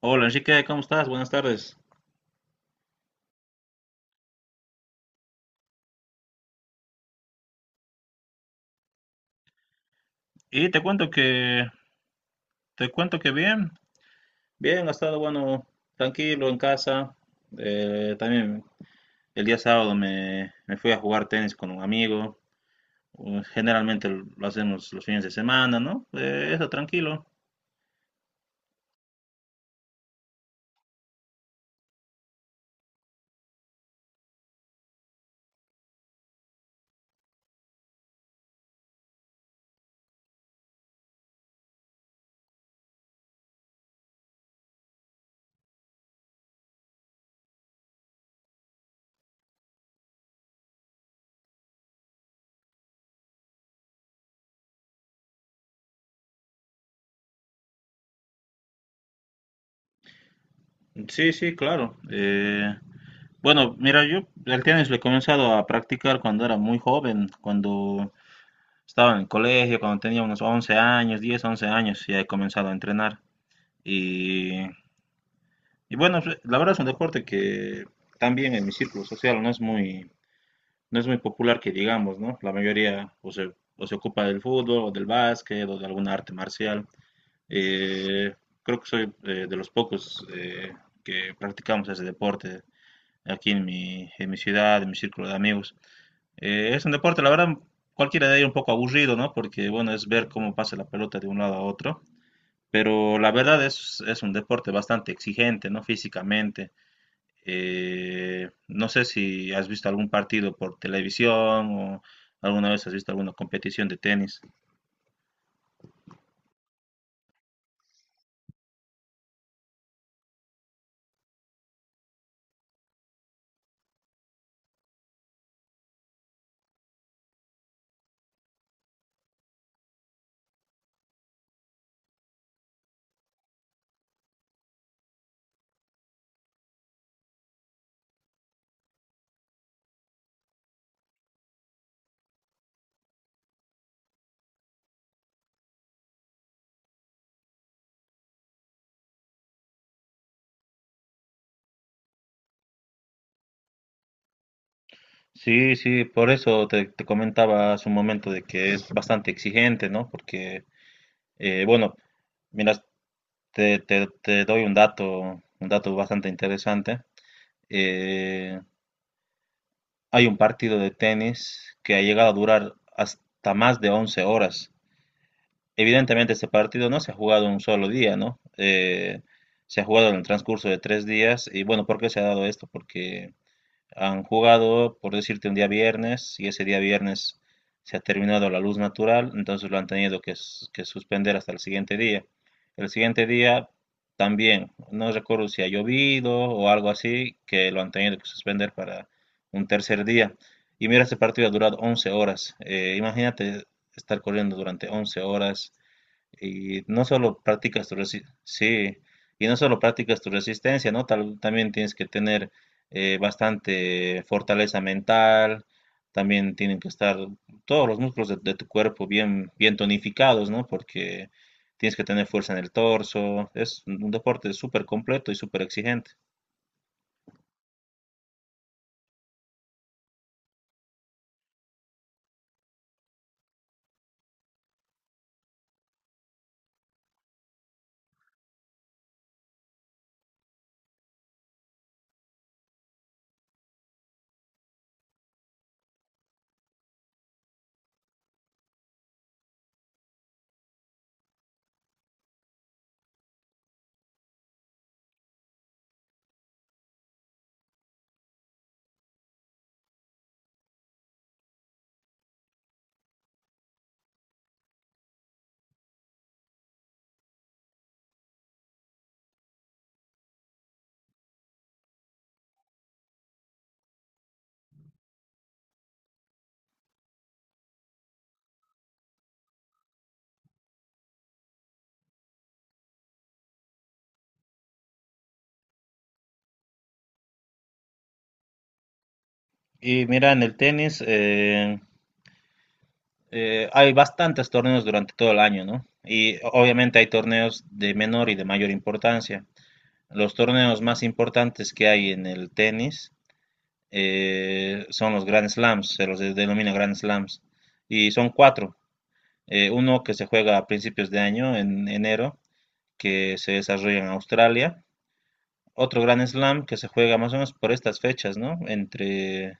Hola Enrique, ¿cómo estás? Buenas tardes. Y te cuento que, te cuento que bien, bien, ha estado bueno, tranquilo en casa. También el día sábado me fui a jugar tenis con un amigo. Generalmente lo hacemos los fines de semana, ¿no? Eso, tranquilo. Sí, sí, claro. Bueno, mira, yo el tenis lo he comenzado a practicar cuando era muy joven, cuando estaba en el colegio, cuando tenía unos 11 años, 10, 11 años, ya he comenzado a entrenar. Y Y bueno, pues, la verdad es un deporte que también en mi círculo social no es muy popular que digamos, ¿no? La mayoría o se ocupa del fútbol, o del básquet, o de alguna arte marcial. Eh, creo que soy de los pocos que practicamos ese deporte aquí en mi ciudad, en mi círculo de amigos. Es un deporte, la verdad, cualquiera de ellos un poco aburrido, ¿no? Porque, bueno, es ver cómo pasa la pelota de un lado a otro. Pero es un deporte bastante exigente, ¿no? Físicamente. No sé si has visto algún partido por televisión o alguna vez has visto alguna competición de tenis. Sí, sí, por eso te comentaba hace un momento de que es bastante exigente, ¿no? Porque, bueno, mira, te doy un dato bastante interesante. Eh, hay un partido de tenis que ha llegado a durar hasta más de 11 horas. Evidentemente este partido no se ha jugado en un solo día, ¿no? Se ha jugado en el transcurso de 3 días y bueno, ¿por qué se ha dado esto? Porque han jugado, por decirte, un día viernes y ese día viernes se ha terminado la luz natural, entonces lo han tenido que suspender hasta el siguiente día. El siguiente día también, no recuerdo si ha llovido o algo así, que lo han tenido que suspender para un tercer día. Y mira, este partido ha durado 11 horas. Imagínate estar corriendo durante 11 horas y no solo practicas tu resi- sí, y no solo practicas tu resistencia, ¿no? También tienes que tener bastante fortaleza mental, también tienen que estar todos los músculos de tu cuerpo bien, bien tonificados, ¿no? Porque tienes que tener fuerza en el torso, es un deporte súper completo y súper exigente. Y mira, en el tenis hay bastantes torneos durante todo el año, ¿no? Y obviamente hay torneos de menor y de mayor importancia. Los torneos más importantes que hay en el tenis son los Grand Slams, se los denomina Grand Slams, y son cuatro. Uno que se juega a principios de año, en enero, que se desarrolla en Australia. Otro Grand Slam que se juega más o menos por estas fechas, ¿no?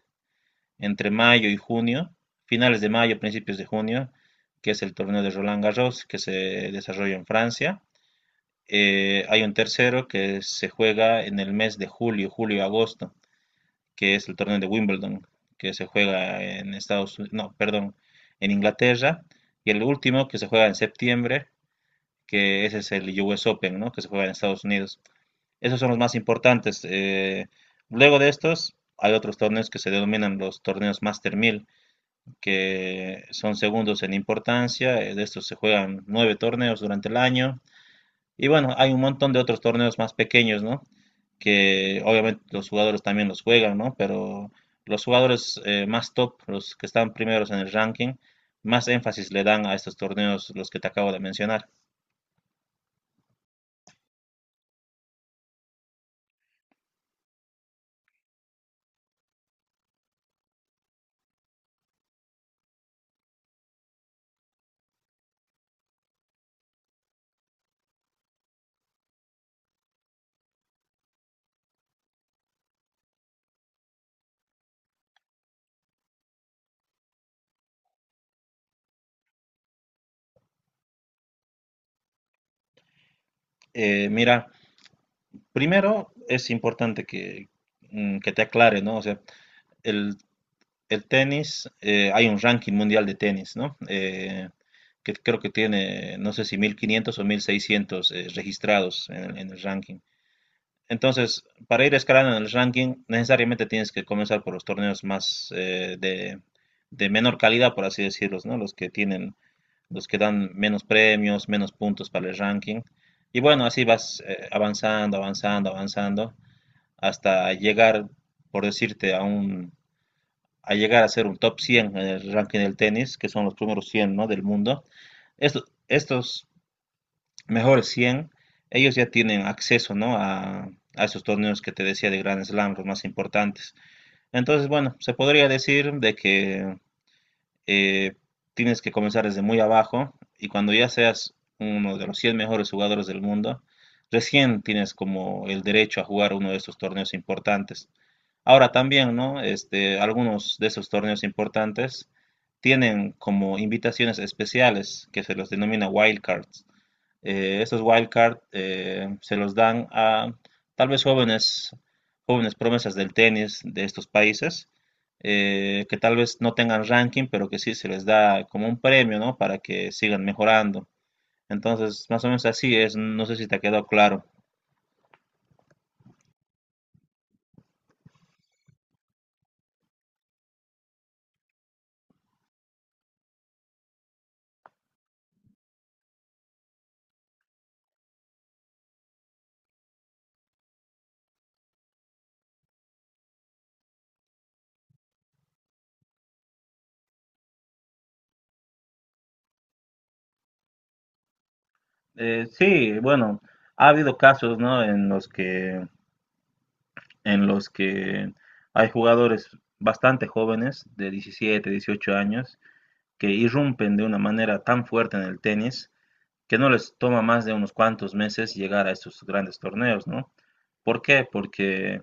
Entre mayo y junio, finales de mayo, principios de junio, que es el torneo de Roland Garros, que se desarrolla en Francia. Hay un tercero que se juega en el mes de julio, julio-agosto, que es el torneo de Wimbledon, que se juega en Estados Unidos, no, perdón, en Inglaterra, y el último que se juega en septiembre, que ese es el US Open, ¿no? Que se juega en Estados Unidos. Esos son los más importantes. Luego de estos, hay otros torneos que se denominan los torneos Master Mil, que son segundos en importancia. De estos se juegan nueve torneos durante el año y bueno, hay un montón de otros torneos más pequeños, ¿no? Que obviamente los jugadores también los juegan, ¿no? Pero los jugadores más top, los que están primeros en el ranking, más énfasis le dan a estos torneos, los que te acabo de mencionar. Mira, primero es importante que te aclare, ¿no? O sea, el, el tenis, hay un ranking mundial de tenis, ¿no? Que creo que tiene, no sé si 1.500 o 1.600 registrados en el ranking. Entonces, para ir escalando en el ranking, necesariamente tienes que comenzar por los torneos más de menor calidad, por así decirlos, ¿no? Los que dan menos premios, menos puntos para el ranking. Y bueno, así vas avanzando, avanzando, avanzando, hasta llegar, por decirte, a llegar a ser un top 100 en el ranking del tenis, que son los primeros 100, ¿no? Del mundo. Estos Mejor 100, ellos ya tienen acceso, ¿no? A esos torneos que te decía de Grand Slam, los más importantes. Entonces, bueno, se podría decir de que eh, tienes que comenzar desde muy abajo y cuando ya seas uno de los 100 mejores jugadores del mundo, recién tienes como el derecho a jugar uno de estos torneos importantes. Ahora también, ¿no? Este, algunos de esos torneos importantes tienen como invitaciones especiales que se los denomina wildcards. Estos wildcard se los dan a tal vez jóvenes, jóvenes promesas del tenis de estos países, que tal vez no tengan ranking, pero que sí se les da como un premio, ¿no? Para que sigan mejorando. Entonces, más o menos así es, no sé si te ha quedado claro. Sí, bueno, ha habido casos, ¿no? En los que hay jugadores bastante jóvenes, de 17, 18 años, que irrumpen de una manera tan fuerte en el tenis que no les toma más de unos cuantos meses llegar a estos grandes torneos, ¿no? ¿Por qué? Porque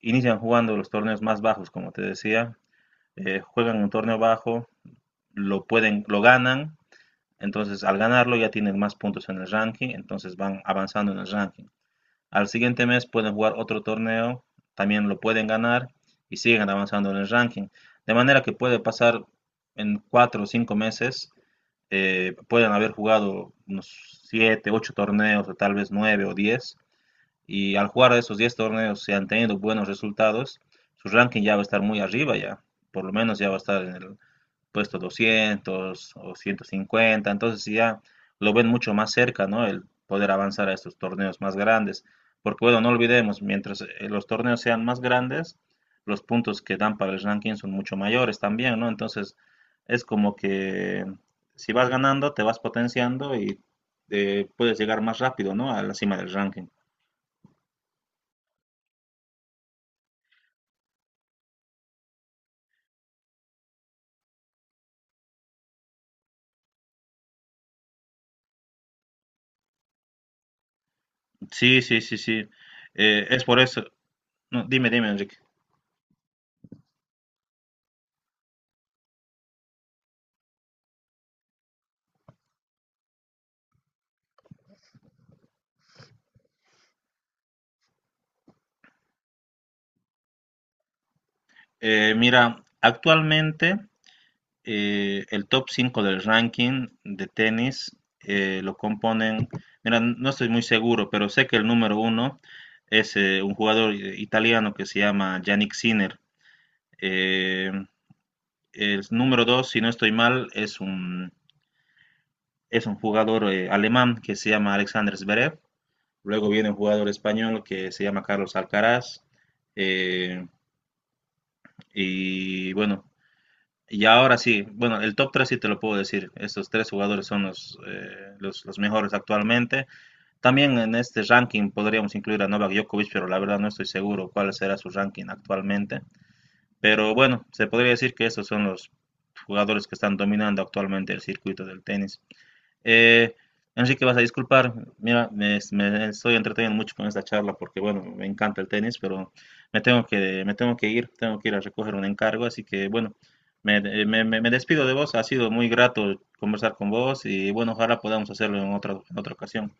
inician jugando los torneos más bajos, como te decía, juegan un torneo bajo, lo ganan, entonces al ganarlo ya tienen más puntos en el ranking, entonces van avanzando en el ranking. Al siguiente mes pueden jugar otro torneo, también lo pueden ganar y siguen avanzando en el ranking. De manera que puede pasar en cuatro o cinco meses, pueden haber jugado unos siete, ocho torneos, o tal vez nueve o diez. Y al jugar esos 10 torneos, si han tenido buenos resultados, su ranking ya va a estar muy arriba ya. Por lo menos ya va a estar en el puesto 200 o 150, entonces sí ya lo ven mucho más cerca, ¿no? El poder avanzar a estos torneos más grandes, porque bueno, no olvidemos, mientras los torneos sean más grandes, los puntos que dan para el ranking son mucho mayores también, ¿no? Entonces es como que si vas ganando, te vas potenciando y puedes llegar más rápido, ¿no? A la cima del ranking. Sí, sí, sí, sí. Es por eso. No, dime, dime, Enrique. Mira, actualmente el top 5 del ranking de tenis lo componen, mira, no estoy muy seguro, pero sé que el número uno es un jugador italiano que se llama Yannick Sinner. Eh, el número dos, si no estoy mal, es un jugador alemán que se llama Alexander Zverev. Luego viene un jugador español que se llama Carlos Alcaraz. Eh, y bueno, y ahora sí, bueno, el top 3 sí te lo puedo decir. Estos tres jugadores son los mejores actualmente. También en este ranking podríamos incluir a Novak Djokovic, pero la verdad no estoy seguro cuál será su ranking actualmente. Pero bueno, se podría decir que estos son los jugadores que están dominando actualmente el circuito del tenis. Eh, Enrique, vas a disculpar, mira, me estoy entreteniendo mucho con esta charla porque, bueno, me encanta el tenis, pero me tengo que ir a recoger un encargo, así que, bueno, me despido de vos, ha sido muy grato conversar con vos y, bueno, ojalá podamos hacerlo en otra ocasión.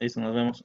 Listo, nos vemos.